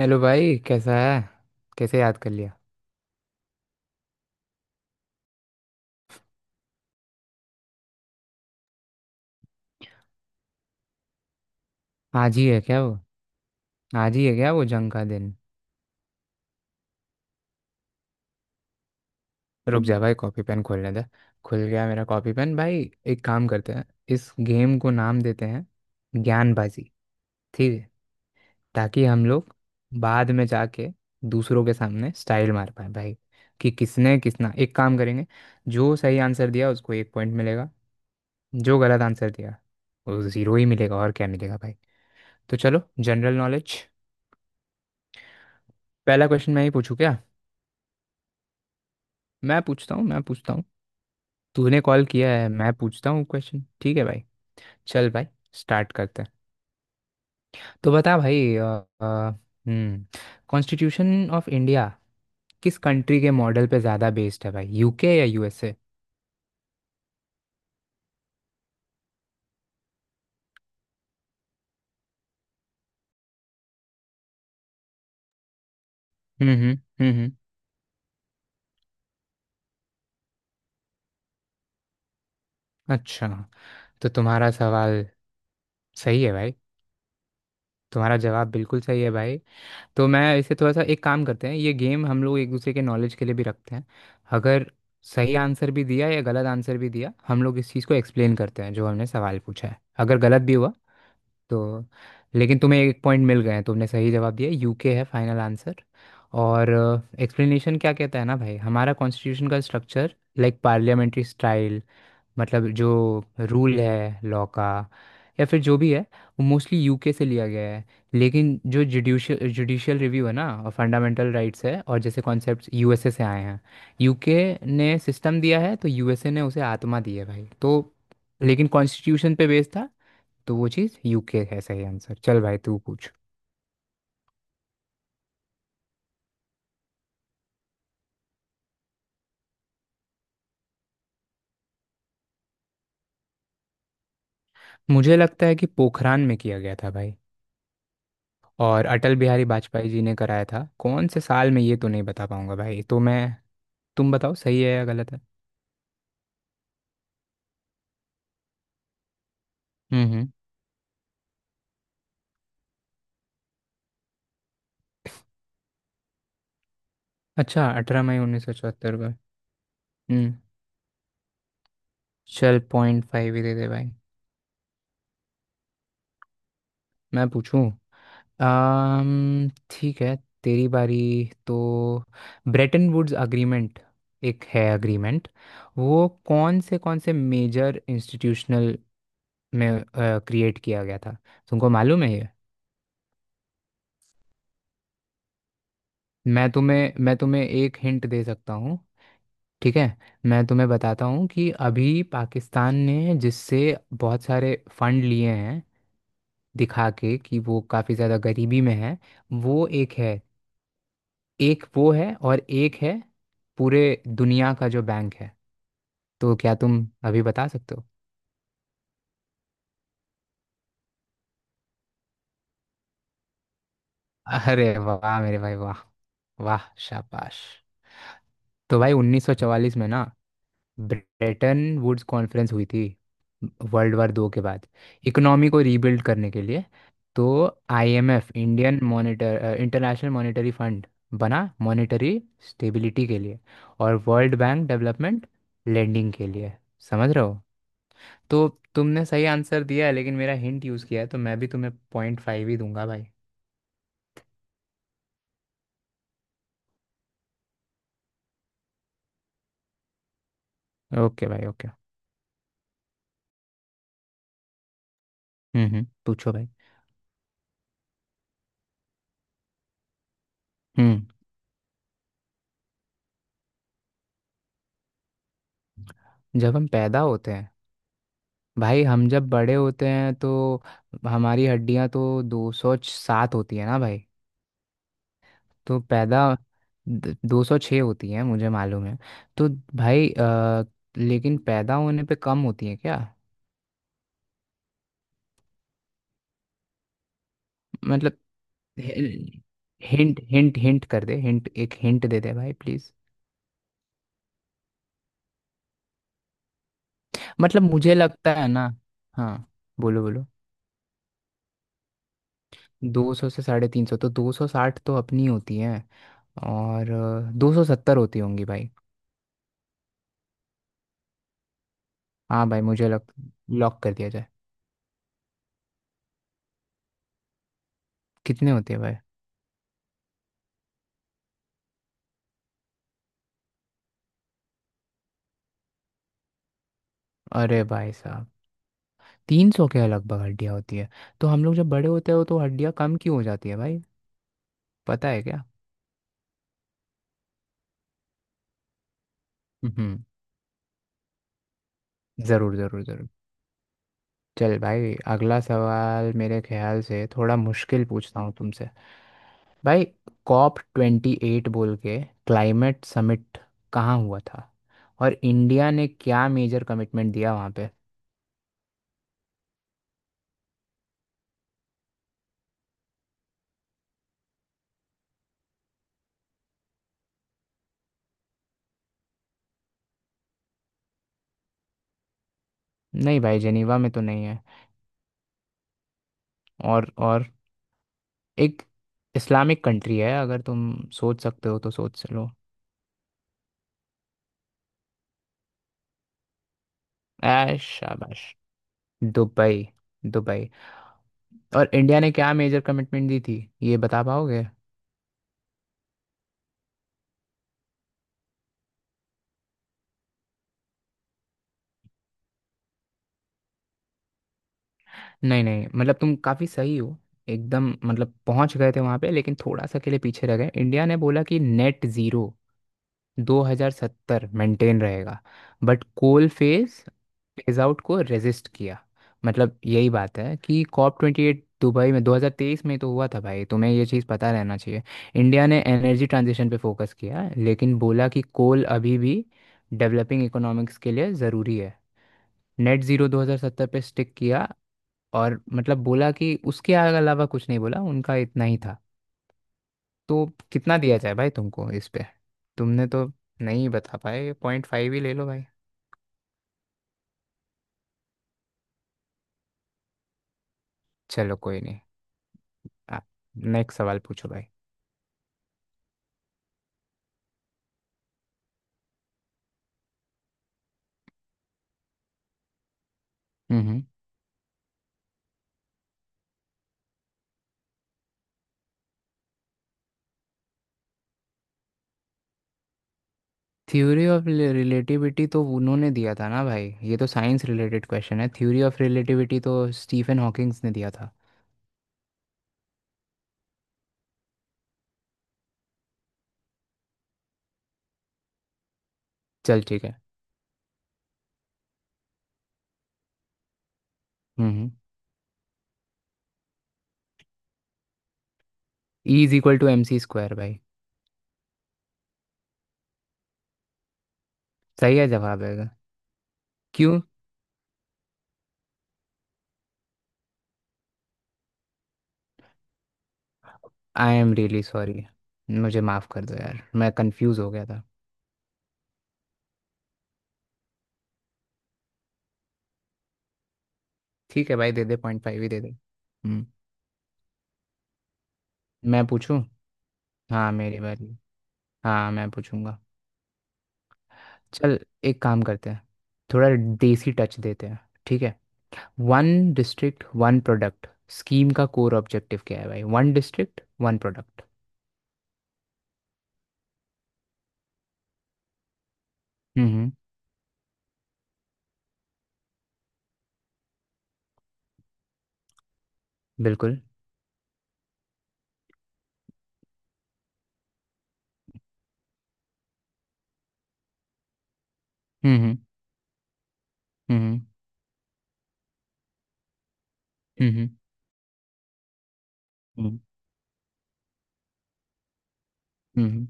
Hello भाई कैसा है। कैसे याद कर लिया। आज ही है क्या वो? जंग का दिन? रुक जा भाई कॉपी पेन खोलने दे। खुल गया मेरा कॉपी पेन भाई। एक काम करते हैं, इस गेम को नाम देते हैं, ज्ञानबाजी। ठीक है। ताकि हम लोग बाद में जाके दूसरों के सामने स्टाइल मार पाए भाई। कि किसने किसना एक काम करेंगे, जो सही आंसर दिया उसको एक पॉइंट मिलेगा। जो गलत आंसर दिया वो जीरो ही मिलेगा और क्या मिलेगा भाई। तो चलो जनरल नॉलेज। पहला क्वेश्चन मैं ही पूछूं क्या? मैं पूछता हूँ। तूने कॉल किया है, मैं पूछता हूँ क्वेश्चन, ठीक है भाई। चल भाई, स्टार्ट करते हैं। तो बता भाई हम्म कॉन्स्टिट्यूशन ऑफ इंडिया किस कंट्री के मॉडल पे ज़्यादा बेस्ड है भाई, यूके या यूएसए? हम्म हम्म हम्म हम्म। अच्छा, तो तुम्हारा सवाल सही है भाई, तुम्हारा जवाब बिल्कुल सही है भाई। तो मैं इसे थोड़ा सा, एक काम करते हैं, ये गेम हम लोग एक दूसरे के नॉलेज के लिए भी रखते हैं। अगर सही आंसर भी दिया या गलत आंसर भी दिया, हम लोग इस चीज़ को एक्सप्लेन करते हैं जो हमने सवाल पूछा है, अगर गलत भी हुआ तो। लेकिन तुम्हें एक पॉइंट मिल गए हैं, तुमने सही जवाब दिया, यूके है फाइनल आंसर। और एक्सप्लेनेशन क्या कहता है ना भाई, हमारा कॉन्स्टिट्यूशन का स्ट्रक्चर लाइक पार्लियामेंट्री स्टाइल, मतलब जो रूल है लॉ का या फिर जो भी है, वो मोस्टली यूके से लिया गया है। लेकिन जो जुडिशियल जुडिशियल रिव्यू है ना और फंडामेंटल राइट्स है और जैसे कॉन्सेप्ट्स, यूएसए से आए हैं। यूके ने सिस्टम दिया है तो यूएसए ने उसे आत्मा दी है भाई। तो लेकिन कॉन्स्टिट्यूशन पे बेस्ड था, तो वो चीज़ यूके है सही आंसर। चल भाई तू पूछ। मुझे लगता है कि पोखरान में किया गया था भाई, और अटल बिहारी वाजपेयी जी ने कराया था। कौन से साल में ये तो नहीं बता पाऊंगा भाई, तो मैं, तुम बताओ सही है या गलत है। हम्म। हम्म। अच्छा, अठारह मई उन्नीस सौ चौहत्तर को। हम्म। चल पॉइंट फाइव ही दे दे भाई। मैं पूछूं ठीक है, तेरी बारी। तो ब्रेटन वुड्स अग्रीमेंट, एक है अग्रीमेंट, वो कौन से मेजर इंस्टीट्यूशनल में क्रिएट किया गया था, तुमको मालूम है ये? मैं तुम्हें एक हिंट दे सकता हूँ, ठीक है? मैं तुम्हें बताता हूँ कि अभी पाकिस्तान ने जिससे बहुत सारे फंड लिए हैं, दिखा के कि वो काफ़ी ज़्यादा गरीबी में है, वो एक है। एक वो है और एक है पूरे दुनिया का जो बैंक है। तो क्या तुम अभी बता सकते हो? अरे वाह मेरे भाई वाह, वाह शाबाश। तो भाई 1944 में ना ब्रेटन वुड्स कॉन्फ्रेंस हुई थी, वर्ल्ड वार दो के बाद, इकोनॉमी को रीबिल्ड करने के लिए। तो IMF Indian monitor international monetary fund बना मॉनेटरी स्टेबिलिटी के लिए, और वर्ल्ड बैंक डेवलपमेंट लेंडिंग के लिए, समझ रहे हो? तो तुमने सही आंसर दिया है लेकिन मेरा हिंट यूज़ किया है, तो मैं भी तुम्हें पॉइंट फाइव ही दूंगा भाई। ओके भाई ओके। हम्म, पूछो भाई। हम्म जब हम पैदा होते हैं, भाई हम जब बड़े होते हैं तो हमारी हड्डियां तो दो सौ सात होती है ना भाई। तो पैदा दो सौ छः होती है मुझे मालूम है। तो भाई लेकिन पैदा होने पे कम होती है क्या? मतलब हिंट हिंट हिंट कर दे हिंट एक हिंट दे दे भाई प्लीज। मतलब मुझे लगता है ना। हाँ बोलो बोलो। दो सौ से साढ़े तीन सौ, तो दो सौ साठ तो अपनी होती है, और दो सौ सत्तर होती होंगी भाई। हाँ भाई मुझे लग लॉक कर दिया जाए। कितने होते हैं भाई? अरे भाई साहब, तीन सौ के लगभग हड्डियाँ होती है। तो हम लोग जब बड़े होते हो तो हड्डियाँ कम क्यों हो जाती है भाई, पता है क्या? हम्म। ज़रूर ज़रूर ज़रूर चल भाई अगला सवाल मेरे ख्याल से थोड़ा मुश्किल पूछता हूँ तुमसे। भाई कॉप ट्वेंटी एट बोल के क्लाइमेट समिट कहाँ हुआ था, और इंडिया ने क्या मेजर कमिटमेंट दिया वहाँ पे? नहीं भाई जेनीवा में तो नहीं है। और एक इस्लामिक कंट्री है, अगर तुम सोच सकते हो तो सोच लो। ऐश शाबाश। Dubai, Dubai. और इंडिया ने क्या मेजर कमिटमेंट दी थी, ये बता पाओगे? नहीं नहीं, मतलब तुम काफ़ी सही हो, एकदम मतलब पहुंच गए थे वहां पे, लेकिन थोड़ा सा के लिए पीछे रह गए। इंडिया ने बोला कि नेट ज़ीरो 2070 मेंटेन रहेगा, but coal phase phase out को रेजिस्ट किया। मतलब यही बात है कि कॉप ट्वेंटी एट दुबई में 2023 में तो हुआ था भाई, तुम्हें ये चीज़ पता रहना चाहिए। इंडिया ने एनर्जी ट्रांजिशन पे फोकस किया, लेकिन बोला कि कोल अभी भी डेवलपिंग इकोनॉमिक्स के लिए ज़रूरी है। नेट ज़ीरो 2070 पे स्टिक किया, और मतलब बोला कि उसके अलावा कुछ नहीं बोला, उनका इतना ही था। तो कितना दिया जाए भाई तुमको इस पे, तुमने तो नहीं बता पाए, पॉइंट फाइव ही ले लो भाई। चलो कोई नहीं, आप नेक्स्ट सवाल पूछो भाई। हम्म। थ्योरी ऑफ रिलेटिविटी तो उन्होंने दिया था ना भाई, ये तो साइंस रिलेटेड क्वेश्चन है। थ्योरी ऑफ रिलेटिविटी तो स्टीफन हॉकिंग्स ने दिया था। चल ठीक है। हम्म। E is equal to M C square भाई। सही है जवाब है, क्यों? आई एम रियली सॉरी, मुझे माफ़ कर दो यार, मैं कंफ्यूज हो गया था। ठीक है भाई दे दे, पॉइंट फाइव ही दे दे। हम्म। मैं पूछूं? हाँ मेरी बारी, हाँ मैं पूछूंगा। चल, एक काम करते हैं, थोड़ा देसी टच देते हैं, ठीक है। One district one product scheme का कोर ऑब्जेक्टिव क्या है भाई, वन डिस्ट्रिक्ट वन प्रोडक्ट? हम्म। बिल्कुल। हम्म। हम्म हम्म हम्म हम्म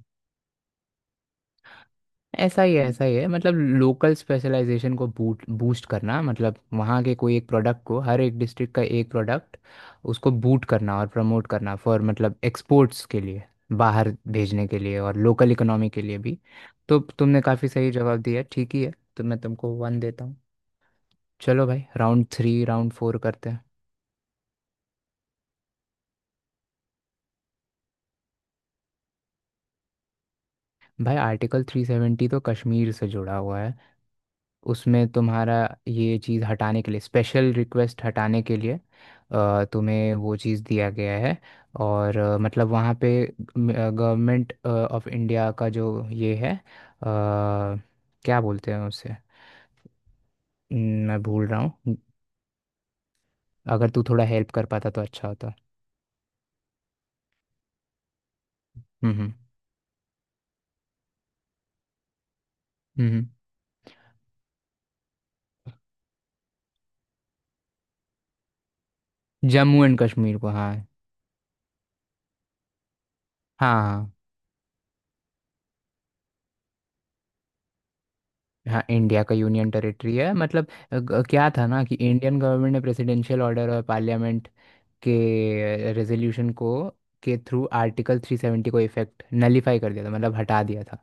ऐसा ही है, ऐसा ही है, मतलब लोकल स्पेशलाइजेशन को बूट बूस्ट करना, मतलब वहाँ के कोई एक प्रोडक्ट को, हर एक डिस्ट्रिक्ट का एक प्रोडक्ट, उसको बूट करना और प्रमोट करना फॉर, मतलब एक्सपोर्ट्स के लिए, बाहर भेजने के लिए और लोकल इकोनॉमी के लिए भी। तो तुमने काफ़ी सही जवाब दिया, ठीक ही है, तो मैं तुमको वन देता हूँ। चलो भाई, राउंड थ्री राउंड फोर करते हैं। भाई आर्टिकल थ्री सेवेंटी तो कश्मीर से जुड़ा हुआ है। उसमें तुम्हारा ये चीज़ हटाने के लिए, स्पेशल रिक्वेस्ट हटाने के लिए तुम्हें वो चीज़ दिया गया है। और मतलब वहाँ पे गवर्नमेंट ऑफ इंडिया का जो ये है क्या बोलते हैं उसे, मैं भूल रहा हूँ। अगर तू थोड़ा हेल्प कर पाता तो अच्छा होता। हम्म। हम्म, हम्म। जम्मू एंड कश्मीर को, हाँ हाँ। हाँ। हाँ इंडिया का यूनियन टेरिटरी है, मतलब क्या था ना कि इंडियन गवर्नमेंट ने प्रेसिडेंशियल ऑर्डर और पार्लियामेंट के रेजोल्यूशन को, के थ्रू आर्टिकल 370 को इफेक्ट नलीफाई कर दिया था, मतलब हटा दिया था।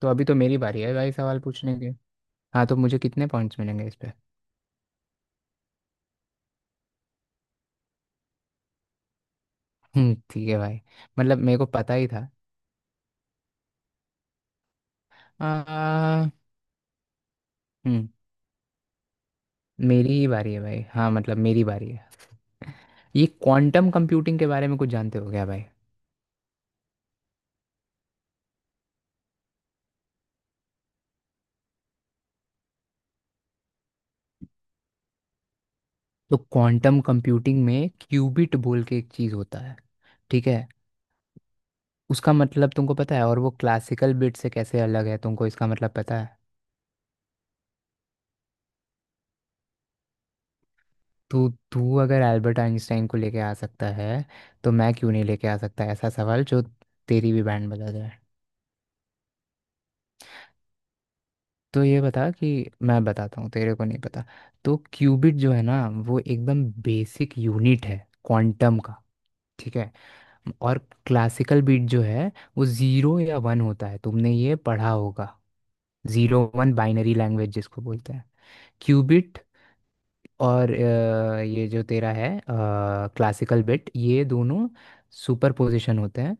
तो अभी तो मेरी बारी है भाई सवाल पूछने के। हाँ तो मुझे कितने पॉइंट्स मिलेंगे इस पे? ठीक है भाई, मतलब मेरे को पता ही था। आ, हम्म मेरी ही बारी है भाई, हाँ मतलब मेरी बारी है। ये क्वांटम कंप्यूटिंग के बारे में कुछ जानते हो क्या भाई? तो क्वांटम कंप्यूटिंग में क्यूबिट बोल के एक चीज़ होता है, ठीक है। उसका मतलब तुमको पता है, और वो क्लासिकल बिट से कैसे अलग है तुमको इसका मतलब पता है? तो तू अगर एल्बर्ट आइंस्टाइन को लेके आ सकता है, तो मैं क्यों नहीं लेके आ सकता ऐसा सवाल जो तेरी भी बैंड बजा जाए। तो ये बता कि, मैं बताता हूँ तेरे को नहीं पता। तो क्यूबिट जो है ना, वो एकदम बेसिक यूनिट है क्वांटम का, ठीक है। और क्लासिकल बिट जो है, वो ज़ीरो या वन होता है, तुमने ये पढ़ा होगा, जीरो वन बाइनरी लैंग्वेज जिसको बोलते हैं। क्यूबिट और ये जो तेरा है क्लासिकल बिट, ये दोनों सुपर पोजिशन होते हैं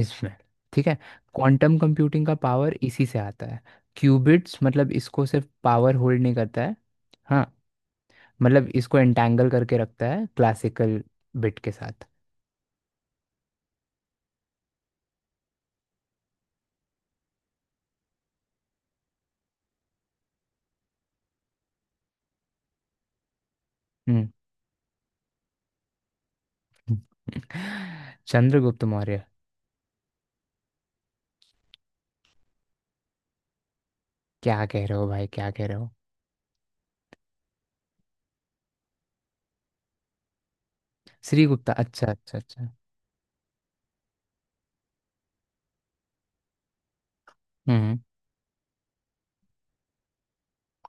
इसमें, ठीक है। क्वांटम कंप्यूटिंग का पावर इसी से आता है। क्यूबिट्स, मतलब इसको सिर्फ पावर होल्ड नहीं करता है। हाँ, मतलब इसको एंटैंगल करके रखता है क्लासिकल बिट के साथ। हम्म। चंद्रगुप्त मौर्य। क्या कह रहे हो भाई क्या कह रहे हो? श्रीगुप्ता, अच्छा अच्छा अच्छा। हम्म।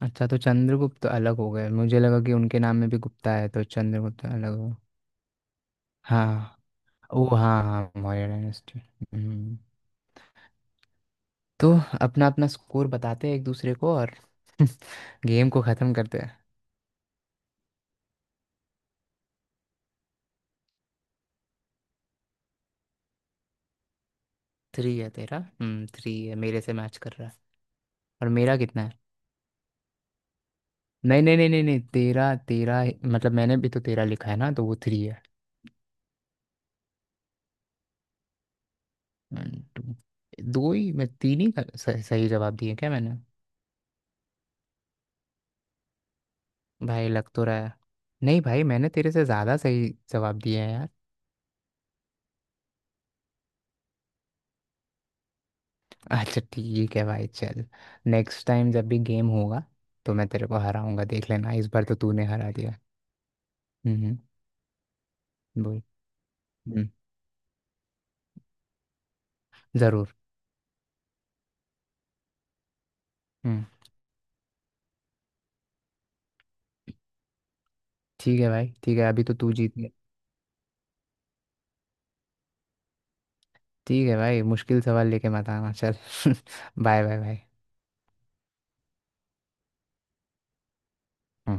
अच्छा, तो चंद्रगुप्त अलग हो गए, मुझे लगा कि उनके नाम में भी गुप्ता है तो चंद्रगुप्त अलग हो। हाँ, ओ हाँ हाँ मौर्य डायनेस्टी, हम्म। तो अपना अपना स्कोर बताते हैं एक दूसरे को, और गेम को ख़त्म करते हैं। थ्री है तेरा, थ्री है, मेरे से मैच कर रहा है। और मेरा कितना है? नहीं नहीं नहीं नहीं नहीं, तेरा तेरा है- मतलब मैंने भी तो तेरा लिखा है ना, तो वो थ्री है। वन, टू, दो ही मैं तीन ही का- सही सही जवाब दिए क्या मैंने? भाई लग तो रहा है। नहीं भाई, मैंने तेरे से ज़्यादा सही जवाब दिए हैं यार। अच्छा ठीक है भाई चल, नेक्स्ट टाइम जब भी गेम होगा, तो मैं तेरे को हराऊंगा, देख लेना, इस बार तो तूने हरा दिया। हम्म, बोल। हम्म। ज़रूर। हम्म। ठीक है भाई ठीक है, अभी तो तू जीत गया। ठीक है भाई, मुश्किल सवाल लेके मत आना चल। बाय बाय भाई। हम्म।